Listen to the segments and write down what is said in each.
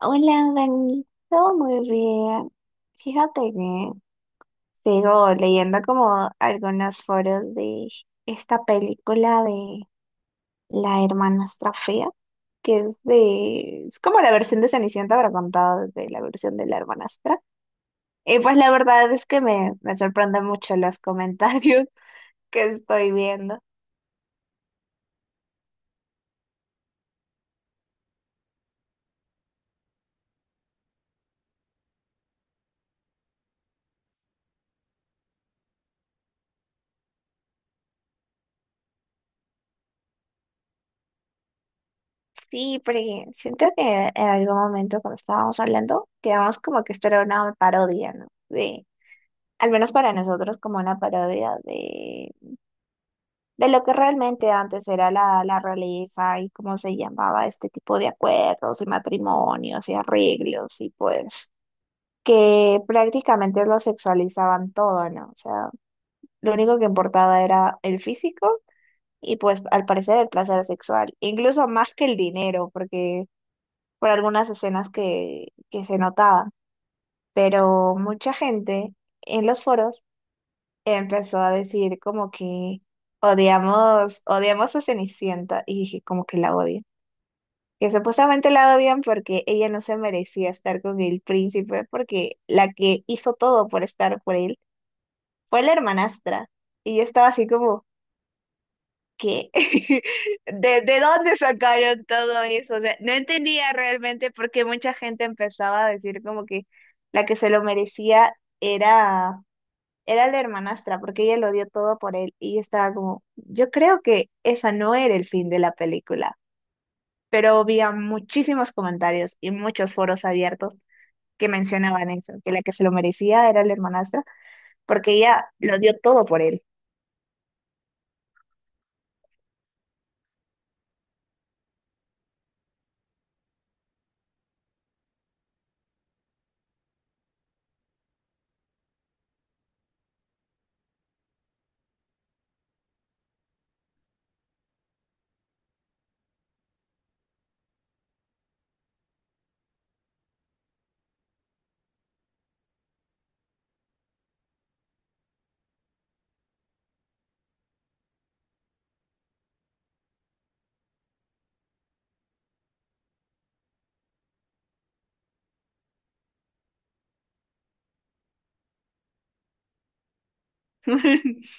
Hola, Dani. Todo muy bien. Fíjate que sigo leyendo como algunos foros de esta película de La hermanastra fea, que es de... Es como la versión de Cenicienta, pero contada desde la versión de la hermanastra. Y pues la verdad es que me sorprenden mucho los comentarios que estoy viendo. Sí, porque siento que en algún momento cuando estábamos hablando, quedamos como que esto era una parodia, ¿no? De al menos para nosotros, como una parodia de lo que realmente antes era la realeza y cómo se llamaba este tipo de acuerdos y matrimonios y arreglos y pues que prácticamente lo sexualizaban todo, ¿no? O sea, lo único que importaba era el físico y pues al parecer el placer sexual, incluso más que el dinero, porque por algunas escenas que se notaban, pero mucha gente en los foros empezó a decir como que odiamos, odiamos a Cenicienta y dije como que la odian. Que supuestamente la odian porque ella no se merecía estar con el príncipe, porque la que hizo todo por estar por él fue la hermanastra. Y yo estaba así como, ¿qué? De dónde sacaron todo eso? O sea, no entendía realmente por qué mucha gente empezaba a decir como que la que se lo merecía era era la hermanastra, porque ella lo dio todo por él y yo estaba como, yo creo que esa no era el fin de la película, pero había muchísimos comentarios y muchos foros abiertos que mencionaban eso, que la que se lo merecía era la hermanastra, porque ella lo dio todo por él.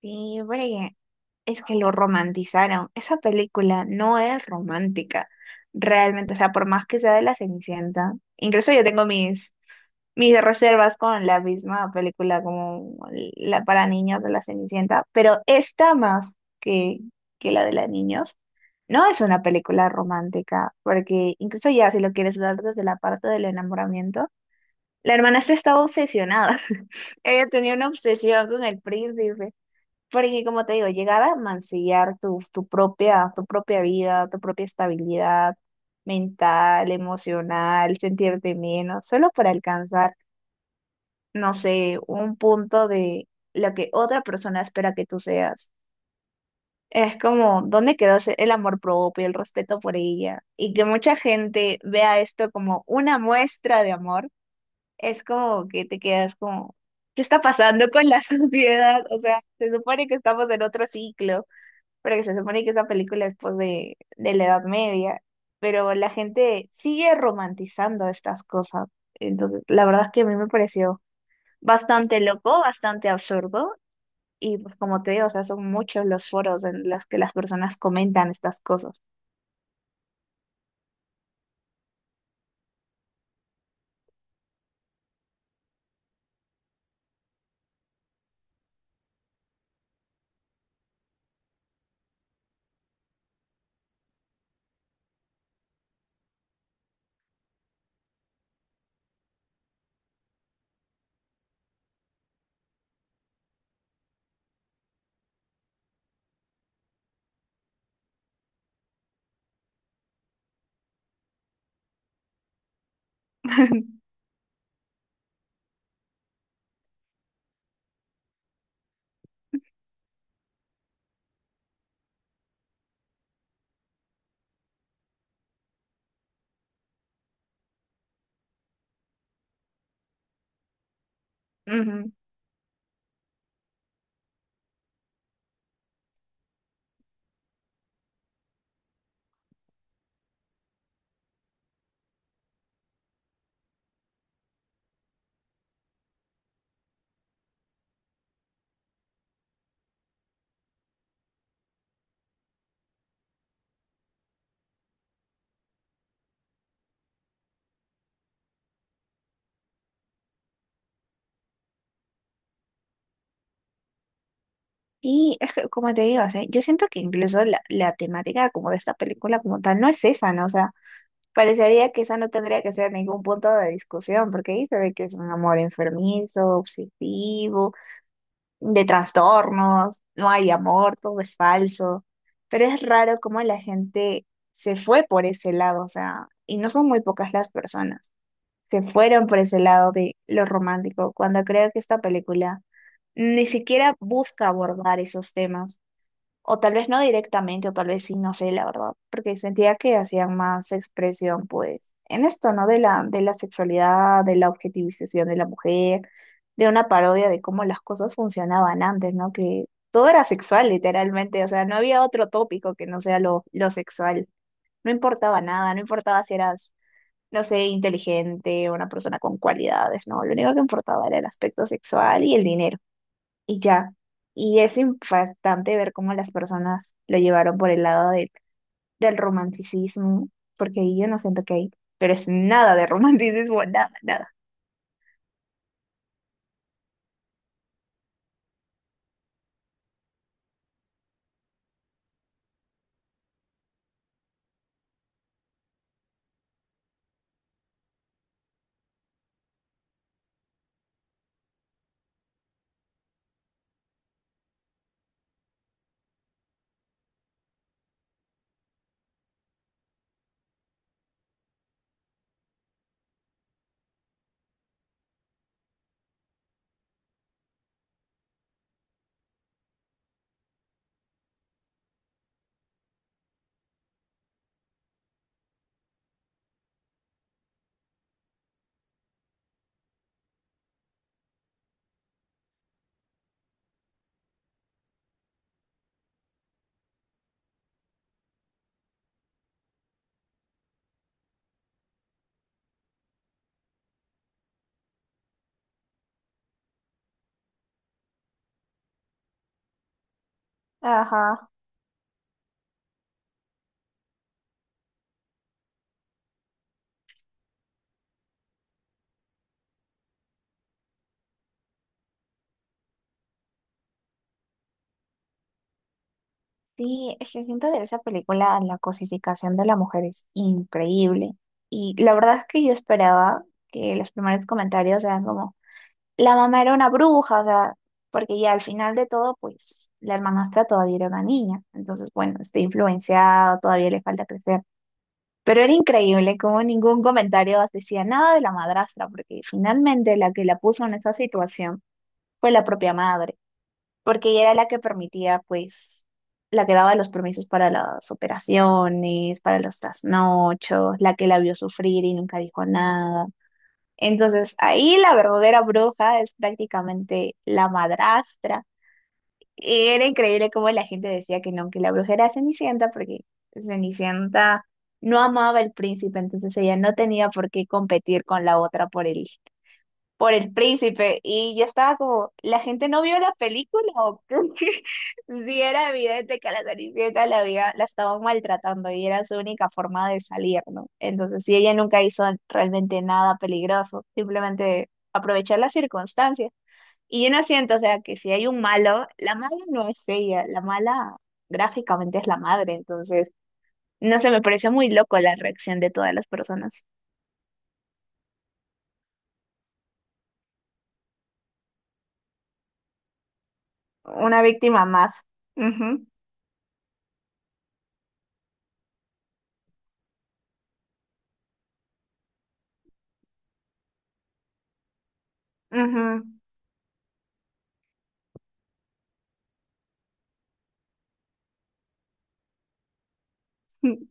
Sí, porque es que lo romantizaron. Esa película no es romántica, realmente. O sea, por más que sea de la Cenicienta, incluso yo tengo mis reservas con la misma película como la para niños de la Cenicienta, pero esta más que, que la de la niños. No es una película romántica, porque incluso ya si lo quieres ver desde la parte del enamoramiento, la hermana se estaba obsesionada. Ella tenía una obsesión con el príncipe. Porque como te digo, llegar a mancillar tu propia, tu propia vida, tu propia estabilidad mental, emocional, sentirte menos, solo para alcanzar, no sé, un punto de lo que otra persona espera que tú seas. Es como, ¿dónde quedó el amor propio, el respeto por ella? Y que mucha gente vea esto como una muestra de amor, es como que te quedas como, ¿qué está pasando con la sociedad? O sea, se supone que estamos en otro ciclo porque se supone que esa película es pues de la Edad Media, pero la gente sigue romantizando estas cosas. Entonces, la verdad es que a mí me pareció bastante loco, bastante absurdo, y pues como te digo, o sea, son muchos los foros en los que las personas comentan estas cosas. Ujú. Sí, es que como te digo, o sea, yo siento que incluso la temática como de esta película como tal no es esa, ¿no? O sea, parecería que esa no tendría que ser ningún punto de discusión, porque ahí se ve que es un amor enfermizo, obsesivo, de trastornos, no hay amor, todo es falso. Pero es raro cómo la gente se fue por ese lado, o sea, y no son muy pocas las personas, se fueron por ese lado de lo romántico, cuando creo que esta película ni siquiera busca abordar esos temas. O tal vez no directamente, o tal vez sí, no sé, la verdad, porque sentía que hacían más expresión, pues, en esto, ¿no? De de la sexualidad, de la objetivización de la mujer, de una parodia de cómo las cosas funcionaban antes, ¿no? Que todo era sexual, literalmente, o sea, no había otro tópico que no sea lo sexual. No importaba nada, no importaba si eras, no sé, inteligente, una persona con cualidades, ¿no? Lo único que importaba era el aspecto sexual y el dinero y ya. Y es impactante ver cómo las personas lo llevaron por el lado del romanticismo, porque ahí yo no siento que hay, pero es nada de romanticismo, nada, nada. Ajá. Sí, es que siento de esa película la cosificación de la mujer es increíble. Y la verdad es que yo esperaba que los primeros comentarios eran como, la mamá era una bruja, o sea, porque ya al final de todo, pues la hermanastra todavía era una niña. Entonces, bueno, está influenciado, todavía le falta crecer. Pero era increíble como ningún comentario decía nada de la madrastra, porque finalmente la que la puso en esa situación fue la propia madre, porque ella era la que permitía, pues, la que daba los permisos para las operaciones, para los trasnochos, la que la vio sufrir y nunca dijo nada. Entonces, ahí la verdadera bruja es prácticamente la madrastra y era increíble cómo la gente decía que no, que la bruja era Cenicienta, porque Cenicienta no amaba al príncipe, entonces ella no tenía por qué competir con la otra por el príncipe. Y yo estaba como, ¿la gente no vio la película? ¿O qué? Sí, era evidente que a la Cenicienta la, había, la estaban maltratando y era su única forma de salir, ¿no? Entonces, sí, ella nunca hizo realmente nada peligroso, simplemente aprovechar las circunstancias. Y yo no siento, o sea, que si hay un malo, la mala no es ella, la mala gráficamente es la madre, entonces, no sé, me pareció muy loco la reacción de todas las personas. Una víctima más. Ujú, ujú.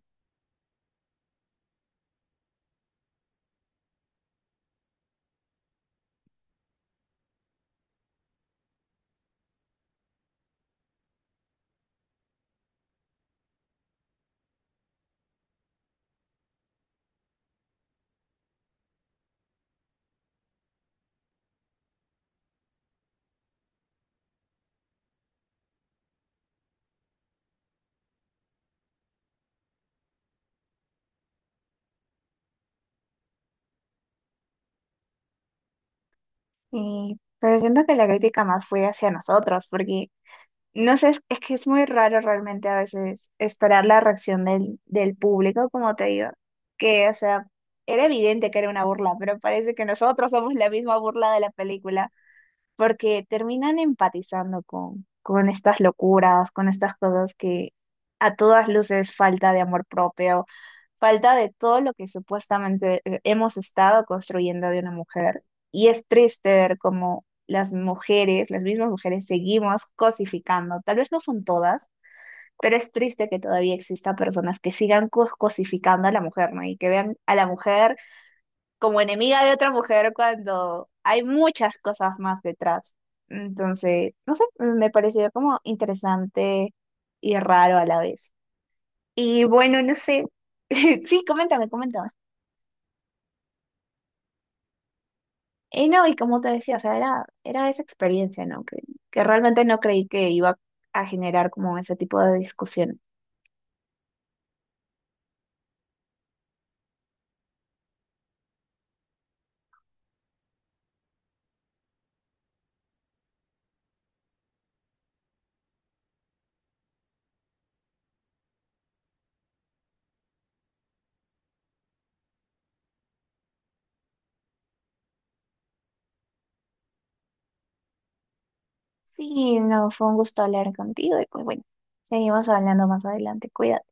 Y, pero siento que la crítica más fue hacia nosotros, porque no sé, es que es muy raro realmente a veces esperar la reacción del público, como te digo, que, o sea, era evidente que era una burla, pero parece que nosotros somos la misma burla de la película, porque terminan empatizando con estas locuras, con estas cosas que a todas luces falta de amor propio, falta de todo lo que supuestamente hemos estado construyendo de una mujer. Y es triste ver cómo las mujeres, las mismas mujeres, seguimos cosificando. Tal vez no son todas, pero es triste que todavía exista personas que sigan cosificando a la mujer, ¿no? Y que vean a la mujer como enemiga de otra mujer cuando hay muchas cosas más detrás. Entonces, no sé, me pareció como interesante y raro a la vez. Y bueno, no sé. Sí, coméntame, coméntame. Y no, y como te decía, o sea, era esa experiencia, ¿no? Que realmente no creí que iba a generar como ese tipo de discusión. Sí, no, fue un gusto hablar contigo y pues bueno, seguimos hablando más adelante. Cuídate.